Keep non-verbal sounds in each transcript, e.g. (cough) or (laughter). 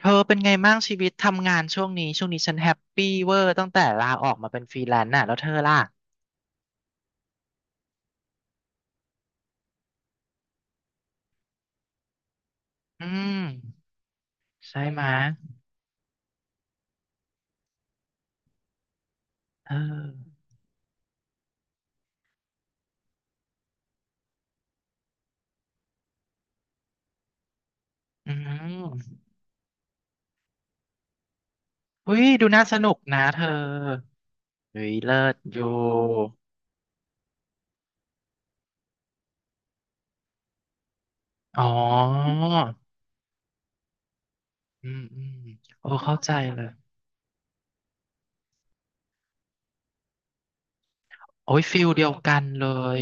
เธอเป็นไงบ้างชีวิตทำงานช่วงนี้ช่วงนี้ฉันแฮปปี้เวอร์ตั้งแต่ลาออกมาเป็นฟรีแลนซ์น่ะแล้วเธอล่ะอืมใช่ไหมยเอออืมอุ้ยดูน่าสนุกนะเธออุ้ยเลิศอยู่อ๋ออืมอืมโอ้เข้าใจเลยโอ้ยฟิลเดียวกันเลย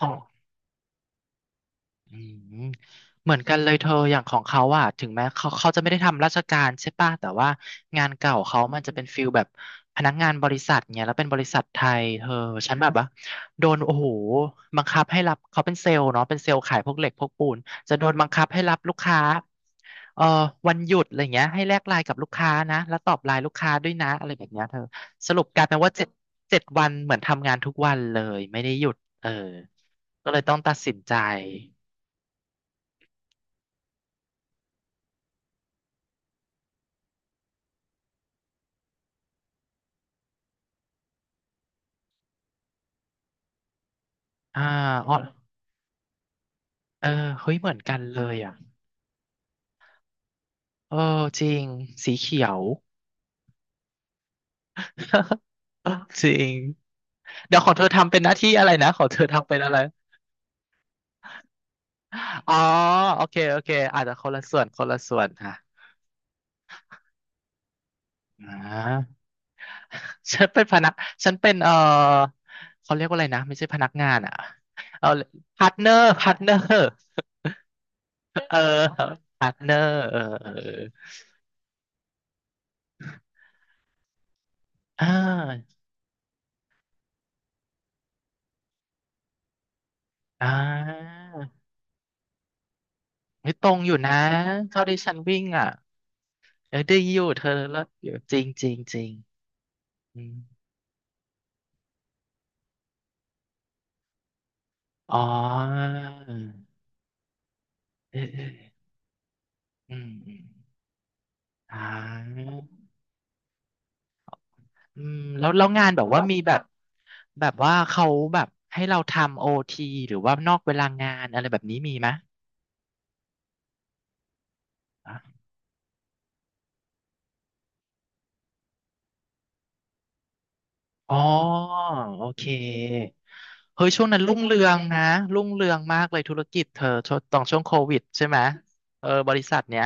ของ อืมเหมือนกันเลยเธออย่างของเขาอ่ะถึงแม้เขาจะไม่ได้ทำราชการใช่ป่ะแต่ว่างานเก่าเขามันจะเป็นฟิลแบบพนักงานบริษัทเนี่ยแล้วเป็นบริษัทไทยเธอฉันแบบว่าโดนโอ้โหบังคับให้รับเขาเป็นเซลล์เนาะเป็นเซลล์ขายพวกเหล็กพวกปูนจะโดนบังคับให้รับลูกค้าเอ่อวันหยุดอะไรเงี้ยให้แลกไลน์กับลูกค้านะแล้วตอบไลน์ลูกค้าด้วยนะอะไรแบบเนี้ยเธอสรุปกลายเป็นว่าเจ็ดวันเหมือนทำงานทุกวันเลยไม่ได้หยุดเออก็เลยต้องตัดสินใจ อ่าอ๋อเออเฮ้ยเหมือนกันเลยอ่ะเออจริงสีเขียว (laughs) จริงเดี๋ยวของเธอทำเป็นหน้าที่อะไรนะของเธอทำเป็นอะไรอ๋อโอเคโอเคอาจจะคนละส่วนคนละส่วนค่ะอ่าฉันเป็นพนักฉันเป็นเขาเรียกว่าอะไรนะไม่ใช่พนักงานอ่ะเอาพาร์ทเนอร์เออพาร์ทเนอร์เออเออเอออ่าอ่าไม่ตรงอยู่นะเท่าที่ฉันวิ่งอ่ะ เออได้อยู่เธอแล้วอยู่จริงจริงจริงอืมอ๋อเออเอออืมอืมอ่าอืมแล้วงานแบบว่ามีแบบแบบว่าเขาแบบให้เราทำโอทีหรือว่านอกเวลางานอะไรแบบนี้มีไหมอะอ๋อโอเค เฮ้ยช่วงนั้นรุ่งเรืองนะรุ่งเรืองมากเลยธุรกิจเธอช่วงตอนช่วงโควิดใช่ไหมเออบริษัทเนี้ย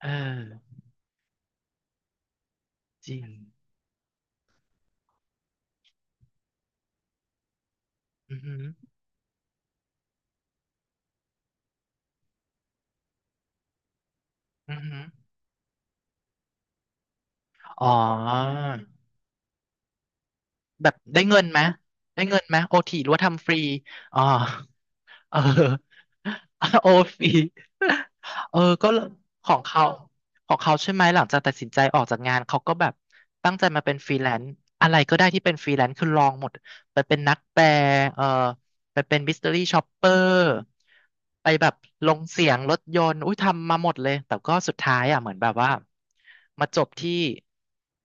เออจริงอือหืออือหืออ๋อ แบบได้เงินไหมได้เงินไหมโอทีหรือว่าทำฟรีอ๋อเออ (laughs) โอฟรี (laughs) เออก็เลยของเขาของเขาใช่ไหมหลังจากตัดสินใจออกจากงานเขาก็แบบตั้งใจมาเป็นฟรีแลนซ์อะไรก็ได้ที่เป็นฟรีแลนซ์คือลองหมดไปเป็นนักแปลเออ ไปเป็นมิส t ต r y ี่ช็อปเปอร์ไปแบบลงเสียงรถยนต์อุ้ยทำมาหมดเลย แต่ก็สุดท้ายอ่ะเหมือนแบบว่ามาจบที่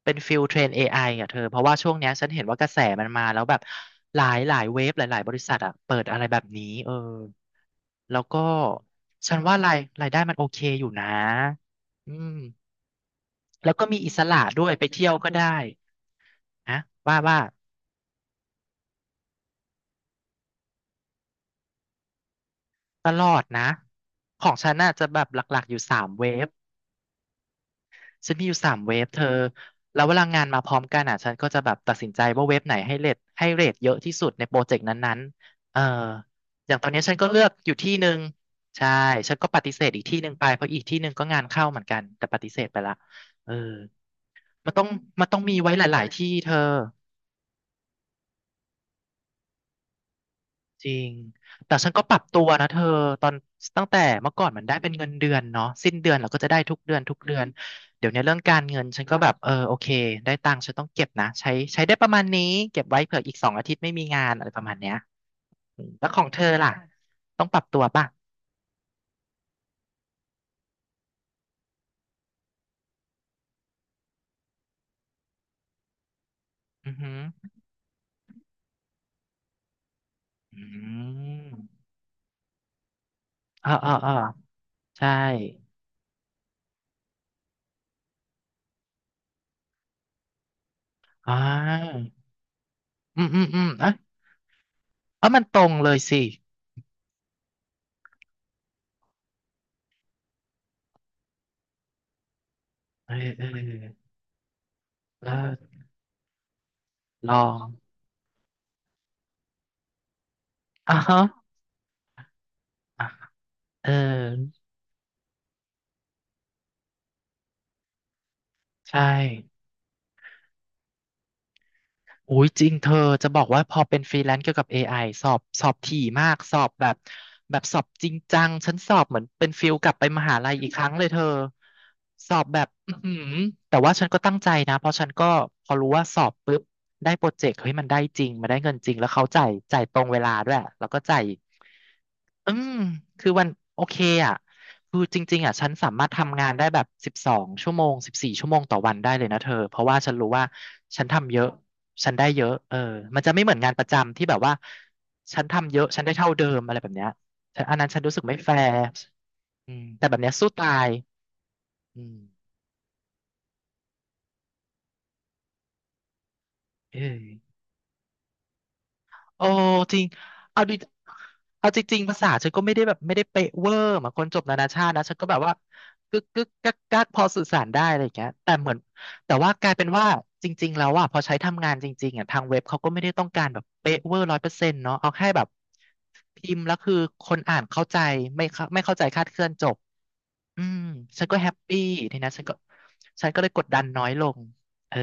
เป็นฟิลเทรน AI อไออ่ะเธอเพราะว่าช่วงเนี้ยฉันเห็นว่ากระแสมันมาแล้วแบบหลายเว็บหลายบริษัทอ่ะเปิดอะไรแบบนี้เออแล้วก็ฉันว่ารายได้มันโอเคอยู่นะอืมแล้วก็มีอิสระด้วยไปเที่ยวก็ได้นะว่าตลอดนะของฉันน่ะจะแบบหลักๆอยู่3 เวฟ ฉันมีอยู่3 เว็บเธอแล้วเวลางานมาพร้อมกันอ่ะฉันก็จะแบบตัดสินใจว่าเว็บไหนให้เรทเยอะที่สุดในโปรเจกต์นั้นๆเอออย่างตอนนี้ฉันก็เลือกอยู่ที่หนึ่งใช่ฉันก็ปฏิเสธอีกที่หนึ่งไปเพราะอีกที่หนึ่งก็งานเข้าเหมือนกันแต่ปฏิเสธไปละเออมันต้องมีไว้หลายๆที่เธอ จริงแต่ฉันก็ปรับตัวนะเธอตอนตั้งแต่เมื่อก่อนมันได้เป็นเงินเดือนเนาะสิ้นเดือนเราก็จะได้ทุกเดือนเดี๋ยวเนี้ยเรื่องการเงินฉันก็แบบเออโอเคได้ตังค์ฉันต้องเก็บนะใช้ได้ประมาณนี้เก็บไว้เผื่ออีก2 อาทิตย์ไม่มีงานอะไรประมาณเนี้ยอืมแล้วของเธอล่ะต้องปรับตัวป่ะอือหืออืมเออเออเออใช่อ่าอืมอืมอืมอ่ะเออมันตรงเลยสิเออเออเออลองอ่ะฮะอ่ะเออ ใช่อุ้ยจริงเธอจะบอกว่าพอเป็นฟรีแลนซ์เกี่ยวกับ AI สอบถี่มากสอบแบบแบบสอบจริงจังฉันสอบเหมือนเป็นฟิลกลับไปมหาลัยอีกครั้งเลยเธอสอบแบบอือหือแต่ว่าฉันก็ตั้งใจนะเพราะฉันก็พอรู้ว่าสอบปุ๊บได้โปรเจกต์เฮ้ยมันได้จริงมันได้เงินจริงแล้วเขาจ่ายตรงเวลาด้วยแล้วก็จ่าย อืม คือวันโอเคอ่ะคือจริงๆอ่ะฉันสามารถทำงานได้แบบ12 ชั่วโมง14 ชั่วโมงต่อวันได้เลยนะเธอเพราะว่าฉันรู้ว่าฉันทำเยอะ ฉันได้เยอะเออมันจะไม่เหมือนงานประจำที่แบบว่าฉันทำเยอะฉันได้เท่าเดิมอะไรแบบเนี้ยแต่อันนั้นฉันรู้สึกไม่แฟร์อืมแต่แบบเนี้ยสู้ตายอืมเออ โอ้จริงเอาดิเอาจริงๆภาษาฉันก็ไม่ได้แบบไม่ได้เป๊ะเวอร์เหมือนคนจบนานาชาตินะฉันก็แบบว่ากึกกึกกักกักพอสื่อสารได้อะไรอย่างเงี้ยแต่เหมือนแต่ว่ากลายเป็นว่าจริงๆแล้วอ่ะพอใช้ทำงานจริงๆอ่ะทางเว็บเขาก็ไม่ได้ต้องการแบบเป๊ะเวอร์100%เนาะเอาแค่แบบพิมพ์แล้วคือคนอ่านเข้าใจไม่เข้าไม่เข้าใจคลาดเคลื่อนจบอืมฉันก็แฮปปี้ทีนะฉันก็เลยกดดันน้อยลงเออ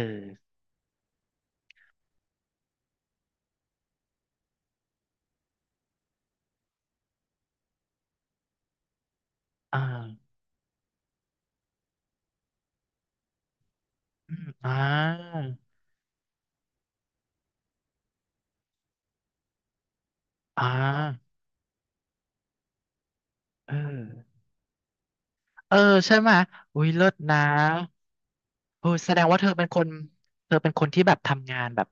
อ่าอืมอ่าอ่าเออ เออใช่ไหมยอุ้ยเลิศนะโอ้แสดงว่าเธอเป็นคนเธอเป็นคนที่แบบทำงานแบบ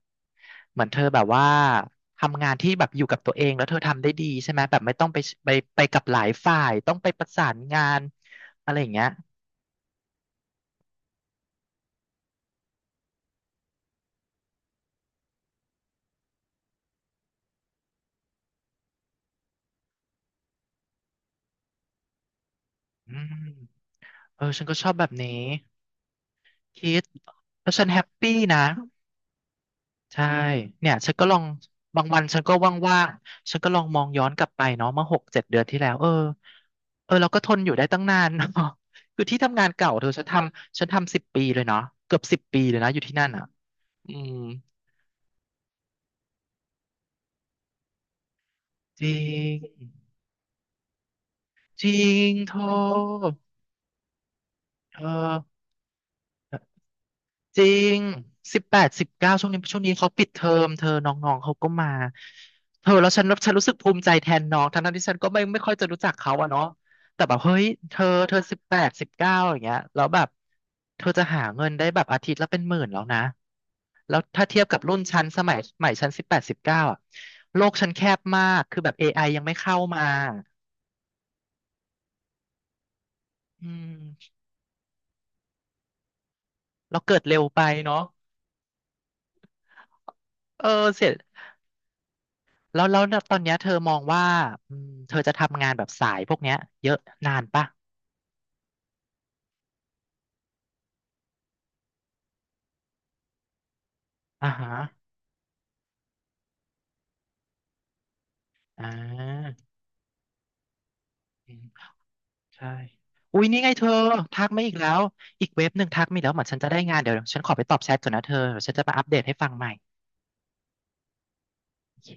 เหมือนเธอแบบว่าทำงานที่แบบอยู่กับตัวเองแล้วเธอทำได้ดีใช่ไหมยแบบไม่ต้องไปไปไปกับหลายฝ่ายต้องไปประสานงานอะไรอย่างเงี้ยอืมเออฉันก็ชอบแบบนี้คิดแล้วฉันแฮปปี้นะ ใช่เนี่ยฉันก็ลองบางวันฉันก็ว่างๆฉันก็ลองมองย้อนกลับไปเนาะเมื่อ6-7 เดือนที่แล้วเออเออเราก็ทนอยู่ได้ตั้งนาน (laughs) เนาะ (laughs) คือที่ทำงานเก่าเธอฉันทำสิบปีเลยเนาะเกือบสิบปีเลยนะอยู่ที่นั่นอ่ะอืมจริงจริงโทเออ จริงสิบแปดสิบเก้าช่วงนี้เขาปิดเทอมเธอน้องๆเขาก็มาเธอแล้วฉันรู้สึกภูมิใจแทนน้องทั้งๆที่ฉันก็ไม่ค่อยจะรู้จักเขาอะเนาะแต่แบบเฮ้ยเธอสิบแปดสิบเก้าอย่างเงี้ยแล้วแบบเธอจะหาเงินได้แบบอาทิตย์ละเป็นหมื่นแล้วนะแล้วถ้าเทียบกับรุ่นฉันสมัยฉันสิบแปดสิบเก้าอะโลกฉันแคบมากคือแบบ AI ยังไม่เข้ามาอืมเราเกิดเร็วไปเนาะเออเสีย แล้วแล้วตอนเนี้ยเธอมองว่าอืมเธอจะทำงานแบบสายพวกเนี้ยเยอะนานปะอ่าฮะอ่าอืมใช่ อุ้ยนี่ไงเธอทักมาอีกแล้ว อีกเว็บหนึ่งทักมาอีกแล้วเหมือนฉันจะได้งานเดี๋ยวฉันขอไปตอบแชทก่อนนะเธอเดี๋ยวฉันจะมาอัปเดตให้ฟังใหม่โอเค